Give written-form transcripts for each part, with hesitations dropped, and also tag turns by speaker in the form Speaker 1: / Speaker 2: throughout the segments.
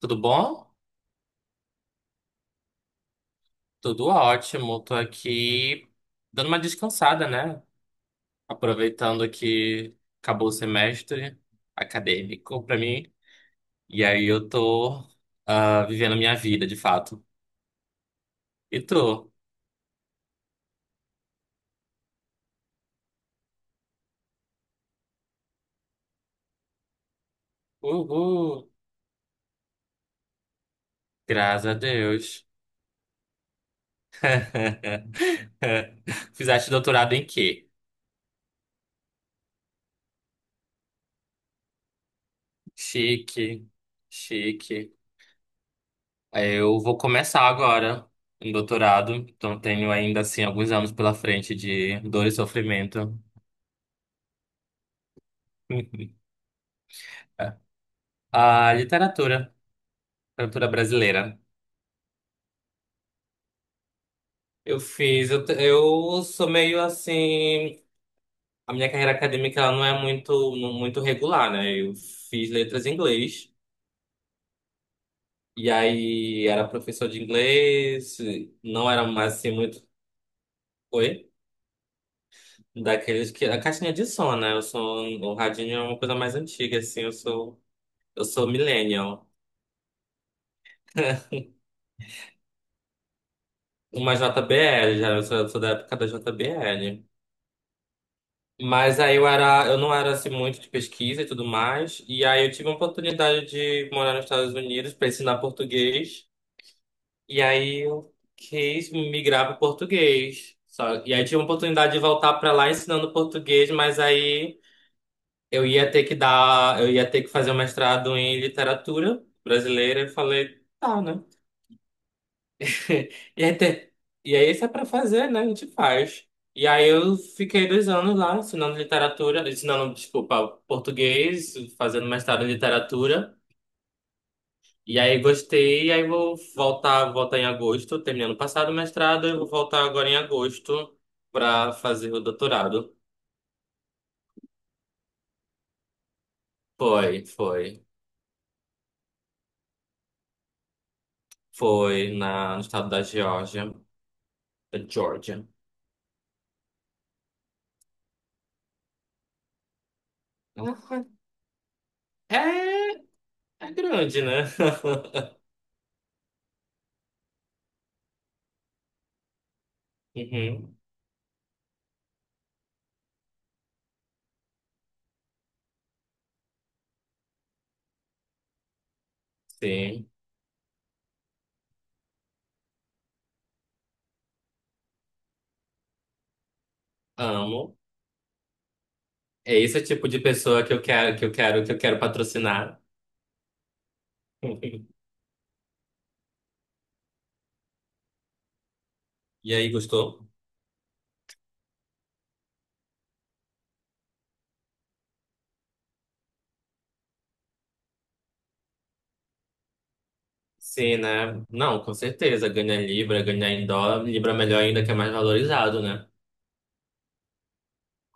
Speaker 1: Tudo bom? Tudo ótimo. Tô aqui dando uma descansada, né? Aproveitando que acabou o semestre acadêmico pra mim. E aí eu tô vivendo a minha vida, de fato. E tu? Uhul! Graças a Deus. Fizeste doutorado em quê? Chique, chique. Eu vou começar agora um doutorado, então tenho ainda assim alguns anos pela frente de dor e sofrimento. A literatura, literatura brasileira. Eu fiz, eu, te- Eu sou meio assim, a minha carreira acadêmica ela não é muito regular, né? Eu fiz letras em inglês e aí era professor de inglês, não era mais assim muito. Oi? Daqueles que a caixinha de som, né? Eu sou um, o radinho é uma coisa mais antiga assim, eu sou millennial. Uma JBL, eu sou da época da JBL. Mas aí eu era, eu não era assim muito de pesquisa e tudo mais. E aí eu tive a oportunidade de morar nos Estados Unidos para ensinar português. E aí eu quis migrar para português. Só, e aí tive a oportunidade de voltar para lá ensinando português, mas aí eu ia ter que fazer um mestrado em literatura brasileira. Eu falei, tá, né? E, até, e aí, isso é pra fazer, né? A gente faz. E aí, eu fiquei dois anos lá ensinando literatura, ensinando, desculpa, português, fazendo mestrado em literatura. E aí, gostei. E aí, voltar em agosto, terminando o passado o mestrado, eu vou voltar agora em agosto pra fazer o doutorado. Foi, foi. No estado da Geórgia, da Geórgia. É, é grande, né? Uhum, sim, amo. É esse tipo de pessoa que eu quero, que eu quero patrocinar. E aí, gostou? Sim, né? Não, com certeza. Ganhar em Libra, ganhar em dólar. Libra é melhor ainda, que é mais valorizado, né?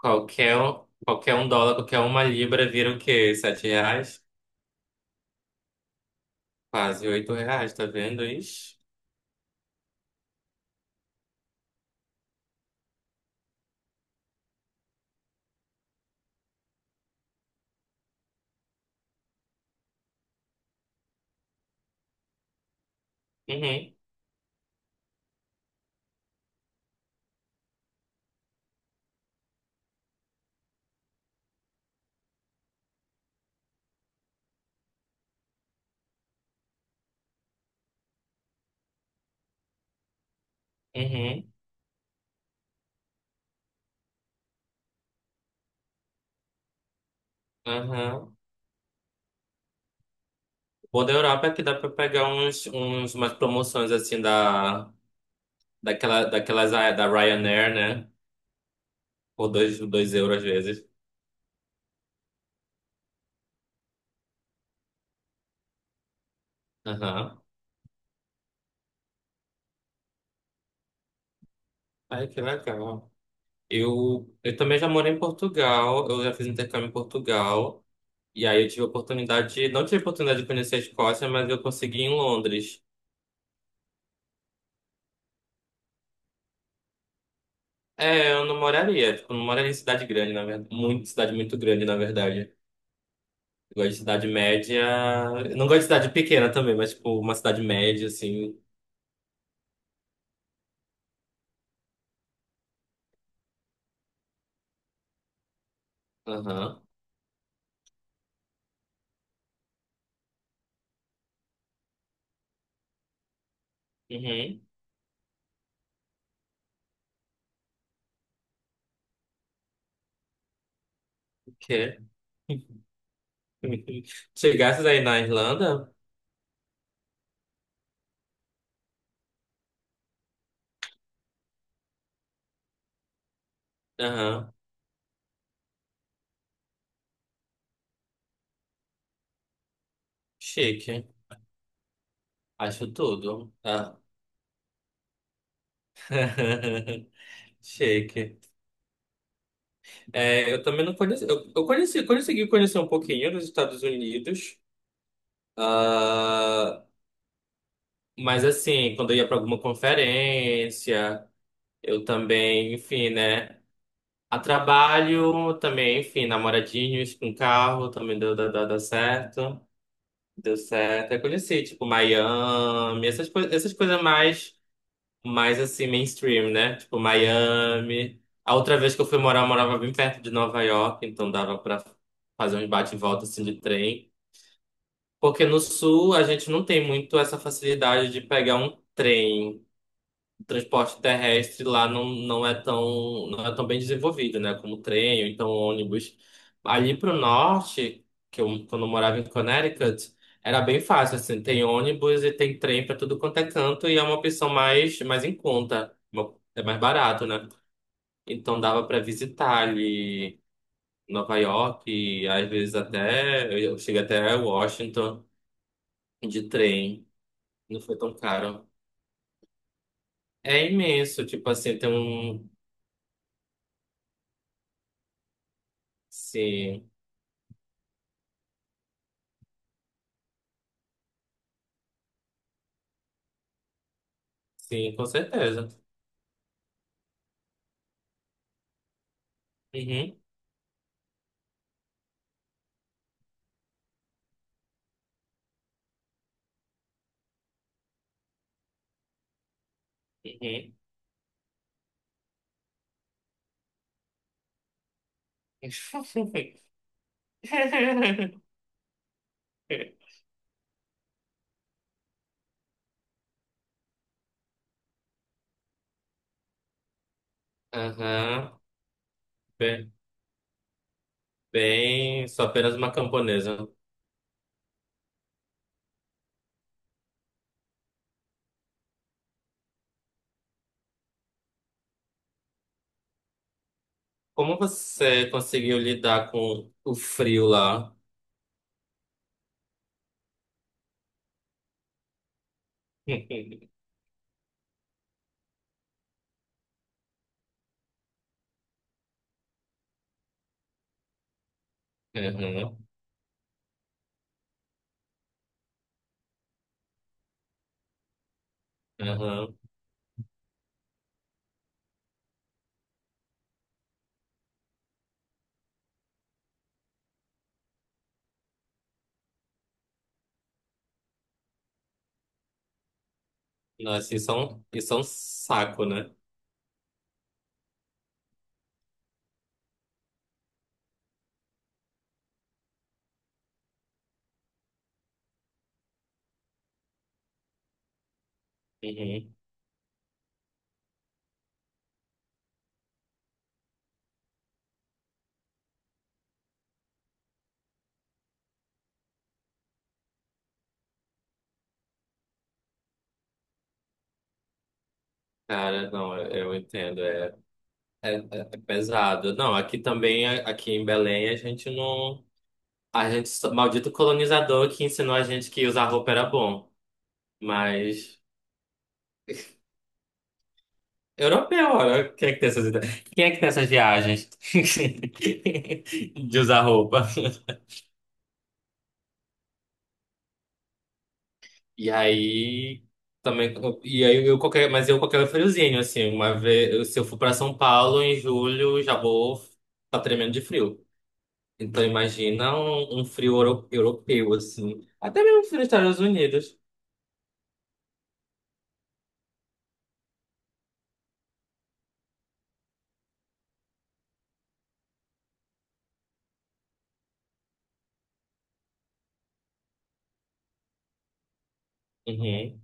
Speaker 1: Qualquer um dólar, qualquer uma libra vira o quê? Sete reais? Quase oito reais, tá vendo? Ixi. Uhum, uhum, aham. O bom da Europa é que dá pra pegar umas promoções assim da, daquelas é da Ryanair, né? Por dois euros às vezes. Aham. Ai, que legal. Eu também já morei em Portugal, eu já fiz intercâmbio em Portugal, e aí eu tive a oportunidade, de- não tive a oportunidade de conhecer a Escócia, mas eu consegui em Londres. É, eu não moraria, tipo, não moraria em cidade grande, na verdade, muito, cidade muito grande, na verdade. Eu gosto de cidade média, eu não gosto de cidade pequena também, mas, tipo, uma cidade média, assim, aham, uhum, que chegasses aí na Irlanda? Aham, chique, acho tudo. Ah. Shake. É, eu também não conheci. Eu conheci, consegui conhecer um pouquinho dos Estados Unidos. Ah, mas assim, quando eu ia para alguma conferência, eu também, enfim, né? A trabalho também, enfim, namoradinhos com carro também deu certo. Deu certo. Eu conheci, tipo, Miami, essas coisas mais. Mais assim, mainstream, né? Tipo, Miami. A outra vez que eu fui morar, eu morava bem perto de Nova York, então dava pra fazer uns bate e volta assim de trem. Porque no sul a gente não tem muito essa facilidade de pegar um trem, o transporte terrestre lá não, não é tão, não é tão bem desenvolvido, né? Como trem, ou então ônibus. Ali pro norte, que eu, quando eu morava em Connecticut, era bem fácil, assim, tem ônibus e tem trem para tudo quanto é canto e é uma opção mais, mais em conta, uma- é mais barato, né? Então dava para visitar ali Nova York, e às vezes até, eu cheguei até Washington de trem, não foi tão caro. É imenso, tipo assim, tem um, sim. Sim, com certeza. Uhum, uhum. Aham, bem, bem, sou apenas uma camponesa. Como você conseguiu lidar com o frio lá? Aham, aham. Nossa, isso é um saco, né? Uhum. Cara, não, eu entendo, é, é, é pesado. Não, aqui também, a- aqui em Belém, a gente não. A gente, só- maldito colonizador que ensinou a gente que usar roupa era bom. Mas europeu, olha, quem é que tem essas ideias? Quem é que tem essas viagens de usar roupa? E aí também e aí eu qualquer, mas eu qualquer friozinho assim, uma vez, eu- se eu for para São Paulo em julho, já vou tá tremendo de frio. Então imagina um frio euro- europeu assim, até mesmo frio nos Estados Unidos. Uhum.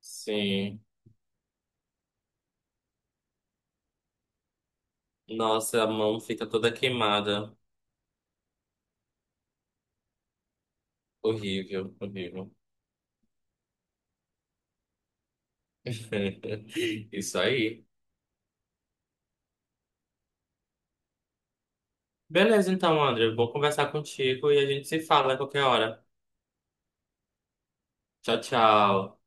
Speaker 1: Sim. Nossa, a mão fica toda queimada. Horrível, horrível. Isso aí. Beleza, então, André. Eu vou conversar contigo e a gente se fala a qualquer hora. Tchau, tchau.